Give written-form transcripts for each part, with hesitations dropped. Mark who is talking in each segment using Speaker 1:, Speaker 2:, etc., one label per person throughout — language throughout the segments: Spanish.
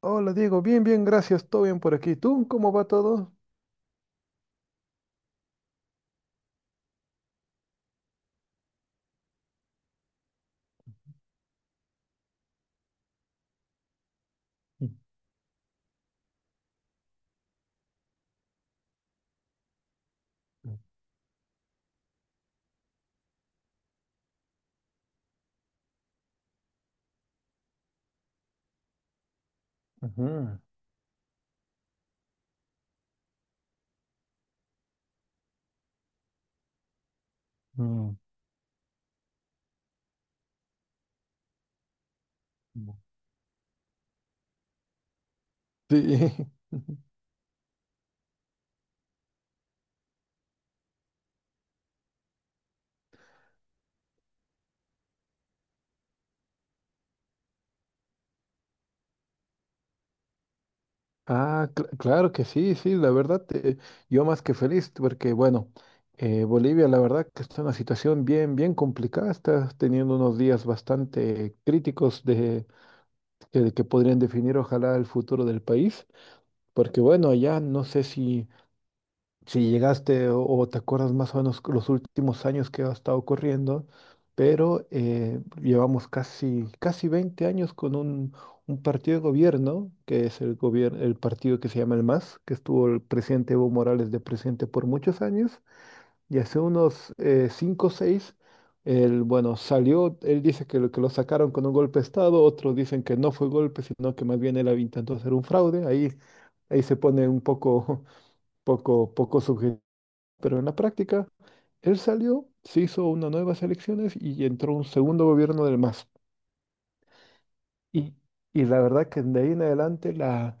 Speaker 1: Hola Diego, bien, bien, gracias, todo bien por aquí. ¿Tú cómo va todo? Ujú, mm, mm. Sí, ah, claro que sí, sí, la verdad, yo más que feliz porque, bueno, Bolivia, la verdad que está en una situación bien, bien complicada, está teniendo unos días bastante críticos de, que podrían definir, ojalá, el futuro del país, porque, bueno, allá no sé si llegaste, o te acuerdas más o menos los últimos años que ha estado ocurriendo, pero llevamos casi, casi 20 años con un partido de gobierno, que es el gobierno, el partido que se llama el MAS, que estuvo el presidente Evo Morales de presidente por muchos años, y hace unos 5 o 6. Él, bueno, salió, él dice que lo sacaron con un golpe de Estado, otros dicen que no fue golpe, sino que más bien él había intentado hacer un fraude. Ahí se pone un poco poco subjetivo, pero en la práctica él salió, se hizo unas nuevas elecciones y entró un segundo gobierno del MAS. Y, y la verdad que de ahí en adelante la,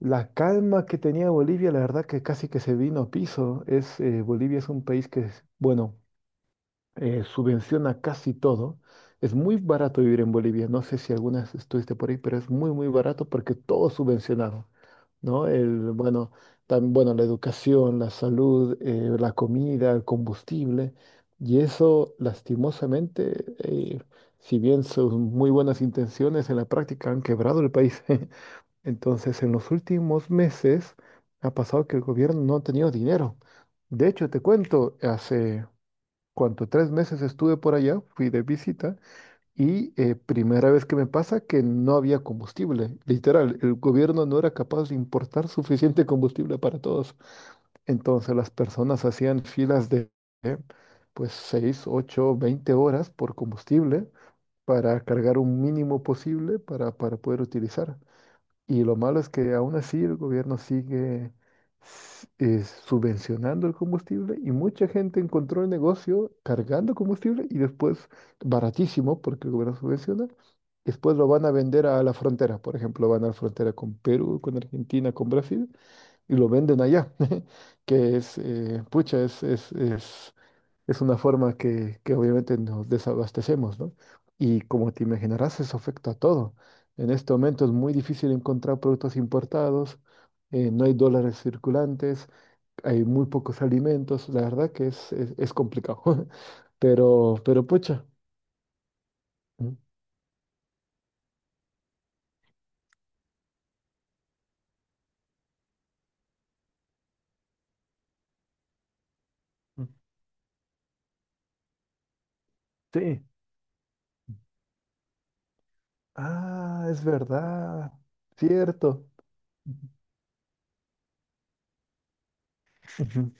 Speaker 1: la calma que tenía Bolivia, la verdad que casi que se vino a piso. Bolivia es un país que es, bueno, subvenciona casi todo. Es muy barato vivir en Bolivia. No sé si alguna vez estuviste por ahí, pero es muy, muy barato porque todo es subvencionado, ¿no? El, bueno, bueno, la educación, la salud, la comida, el combustible. Y eso, lastimosamente, eh, si bien son muy buenas intenciones, en la práctica han quebrado el país. Entonces, en los últimos meses ha pasado que el gobierno no ha tenido dinero. De hecho, te cuento, hace cuando 3 meses estuve por allá, fui de visita y primera vez que me pasa que no había combustible. Literal, el gobierno no era capaz de importar suficiente combustible para todos. Entonces las personas hacían filas de eh, pues 6, 8, 20 horas por combustible para cargar un mínimo posible para poder utilizar. Y lo malo es que aún así el gobierno sigue subvencionando el combustible y mucha gente encontró el negocio cargando combustible y después baratísimo porque el gobierno subvenciona. Después lo van a vender a la frontera. Por ejemplo, van a la frontera con Perú, con Argentina, con Brasil y lo venden allá. Que es, pucha, es una forma que obviamente nos desabastecemos, ¿no? Y como te imaginarás, eso afecta a todo. En este momento es muy difícil encontrar productos importados, no hay dólares circulantes, hay muy pocos alimentos, la verdad que es complicado. Pero pucha. Mm, mm. Sí. Ah, es verdad. Cierto. Ujú,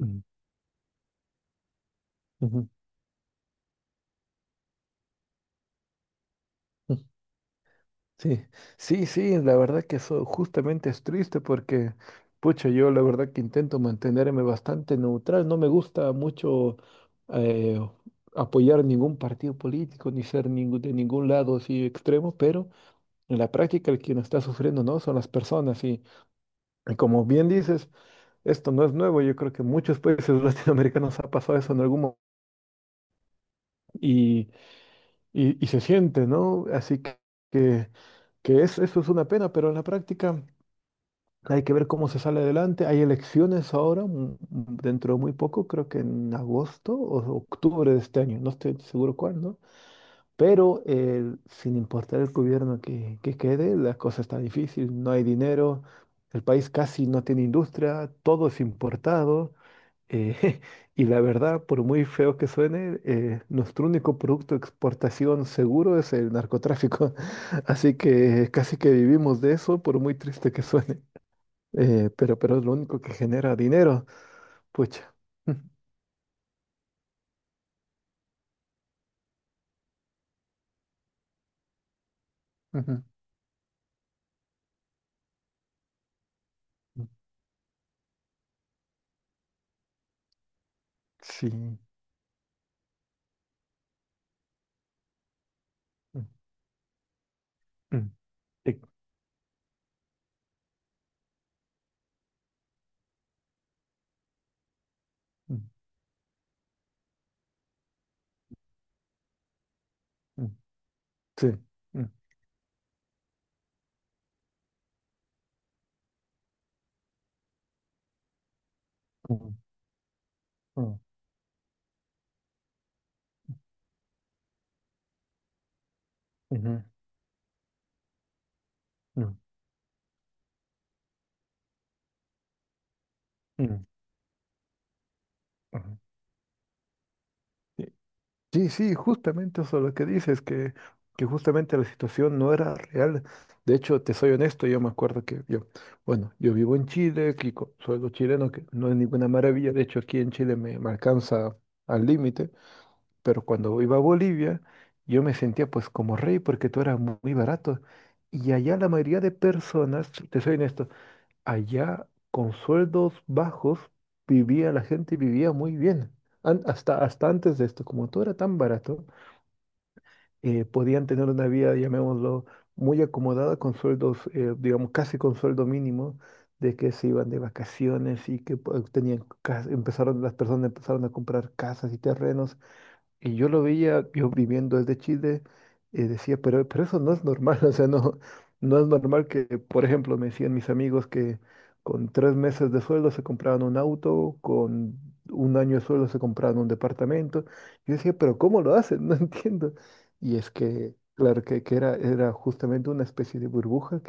Speaker 1: ujú, ujú. Sí, sí, sí, la verdad que eso justamente es triste porque, pucha, yo la verdad que intento mantenerme bastante neutral, no me gusta mucho eh, apoyar ningún partido político ni ser ningún, de ningún lado así extremo, pero en la práctica el quien está sufriendo no son las personas y como bien dices, esto no es nuevo. Yo creo que en muchos países latinoamericanos ha pasado eso en algún momento y, y se siente, ¿no? Así que que es, eso es una pena, pero en la práctica... Hay que ver cómo se sale adelante. Hay elecciones ahora, dentro de muy poco, creo que en agosto o octubre de este año, no estoy seguro cuándo. Pero sin importar el gobierno que quede, la cosa está difícil, no hay dinero, el país casi no tiene industria, todo es importado. eh, y la verdad, por muy feo que suene, nuestro único producto de exportación seguro es el narcotráfico. Así que casi que vivimos de eso, por muy triste que suene, pero es lo único que genera dinero. Pucha. Mm, ujú, mm. Sí. Ujú, eh, ujú, ujú. Sí. Ujú, ujú, ujú, ujú, ujú, ujú, ujú. Sí, sí, sí, justamente eso lo que dices, que justamente la situación no era real. De hecho, te soy honesto, yo me acuerdo que yo, bueno, yo vivo en Chile, aquí con sueldo chileno, que no es ninguna maravilla. De hecho, aquí en Chile me alcanza al límite. Pero cuando iba a Bolivia, yo me sentía pues como rey porque todo era muy barato. Y allá la mayoría de personas, te soy honesto, allá con sueldos bajos vivía la gente, vivía muy bien. Hasta antes de esto, como todo era tan barato, podían tener una vida, llamémoslo, muy acomodada con sueldos, digamos, casi con sueldo mínimo, de que se iban de vacaciones y que pues, tenían, empezaron, las personas empezaron a comprar casas y terrenos, y yo lo veía, yo viviendo desde Chile, decía, pero, eso no es normal. O sea, no, no es normal que, por ejemplo, me decían mis amigos que con 3 meses de sueldo se compraban un auto, con 1 año de sueldo se compraban un departamento. Yo decía, pero ¿cómo lo hacen? No entiendo. Y es que, claro, que era justamente una especie de burbuja,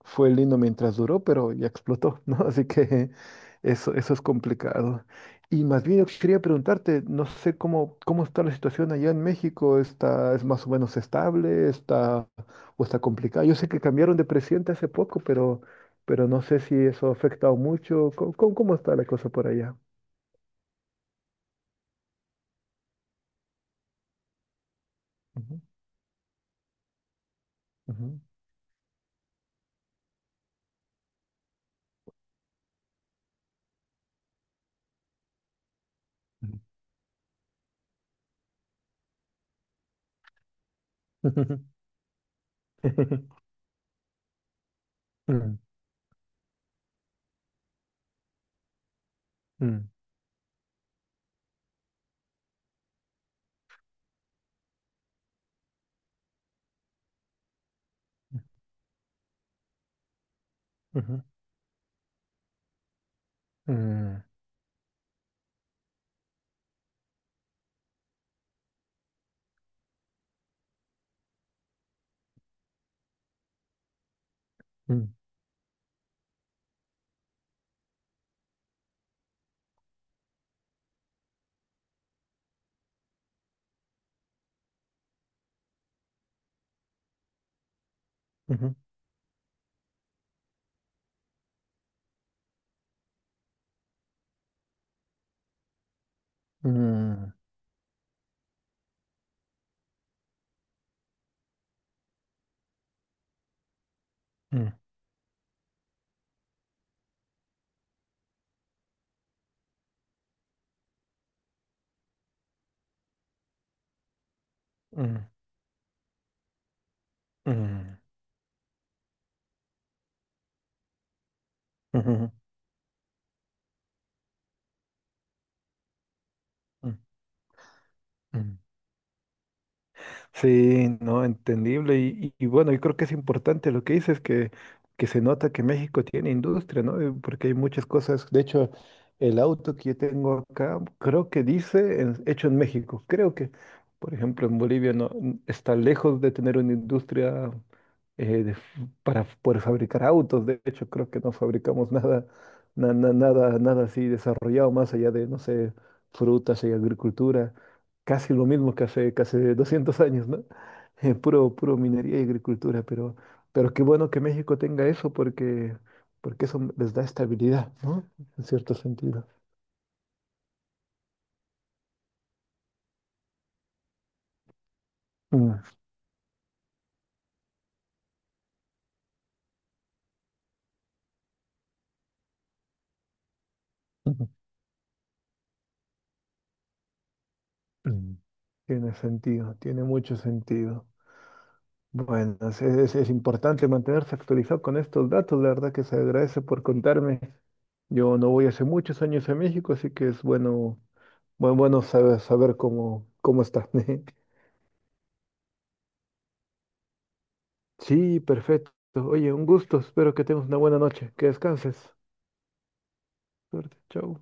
Speaker 1: fue lindo mientras duró, pero ya explotó, ¿no? Así que eso es complicado. Y más bien yo quería preguntarte, no sé cómo está la situación allá en México. ¿Está, es más o menos estable, está, o está complicada? Yo sé que cambiaron de presidente hace poco, pero no sé si eso ha afectado mucho. ¿Cómo está la cosa por allá? Ujú, ujú, ujú. Mm, mm, ujú, mm, mm, ujú, mm, mm, mm, mm. Ujú, ujú, ujú. Sí, no, entendible. Y bueno, yo creo que es importante lo que dices, que se nota que México tiene industria, ¿no? Porque hay muchas cosas. De hecho, el auto que yo tengo acá, creo que dice hecho en México. Creo que, por ejemplo, en Bolivia no n- está lejos de tener una industria, para poder fabricar autos. De hecho, creo que no fabricamos nada, nada, nada así desarrollado más allá de, no sé, frutas y agricultura. Casi lo mismo que hace 200 años, ¿no? Puro, puro minería y agricultura, pero, qué bueno que México tenga eso porque, porque eso les da estabilidad, ¿no? En cierto sentido. Mm, ujú, mm. Tiene sentido, tiene mucho sentido. Bueno, es, es importante mantenerse actualizado con estos datos, la verdad que se agradece por contarme. Yo no voy hace muchos años a México, así que es bueno saber cómo está. Sí, perfecto. Oye, un gusto. Espero que tengas una buena noche. Que descanses. Suerte. Chau.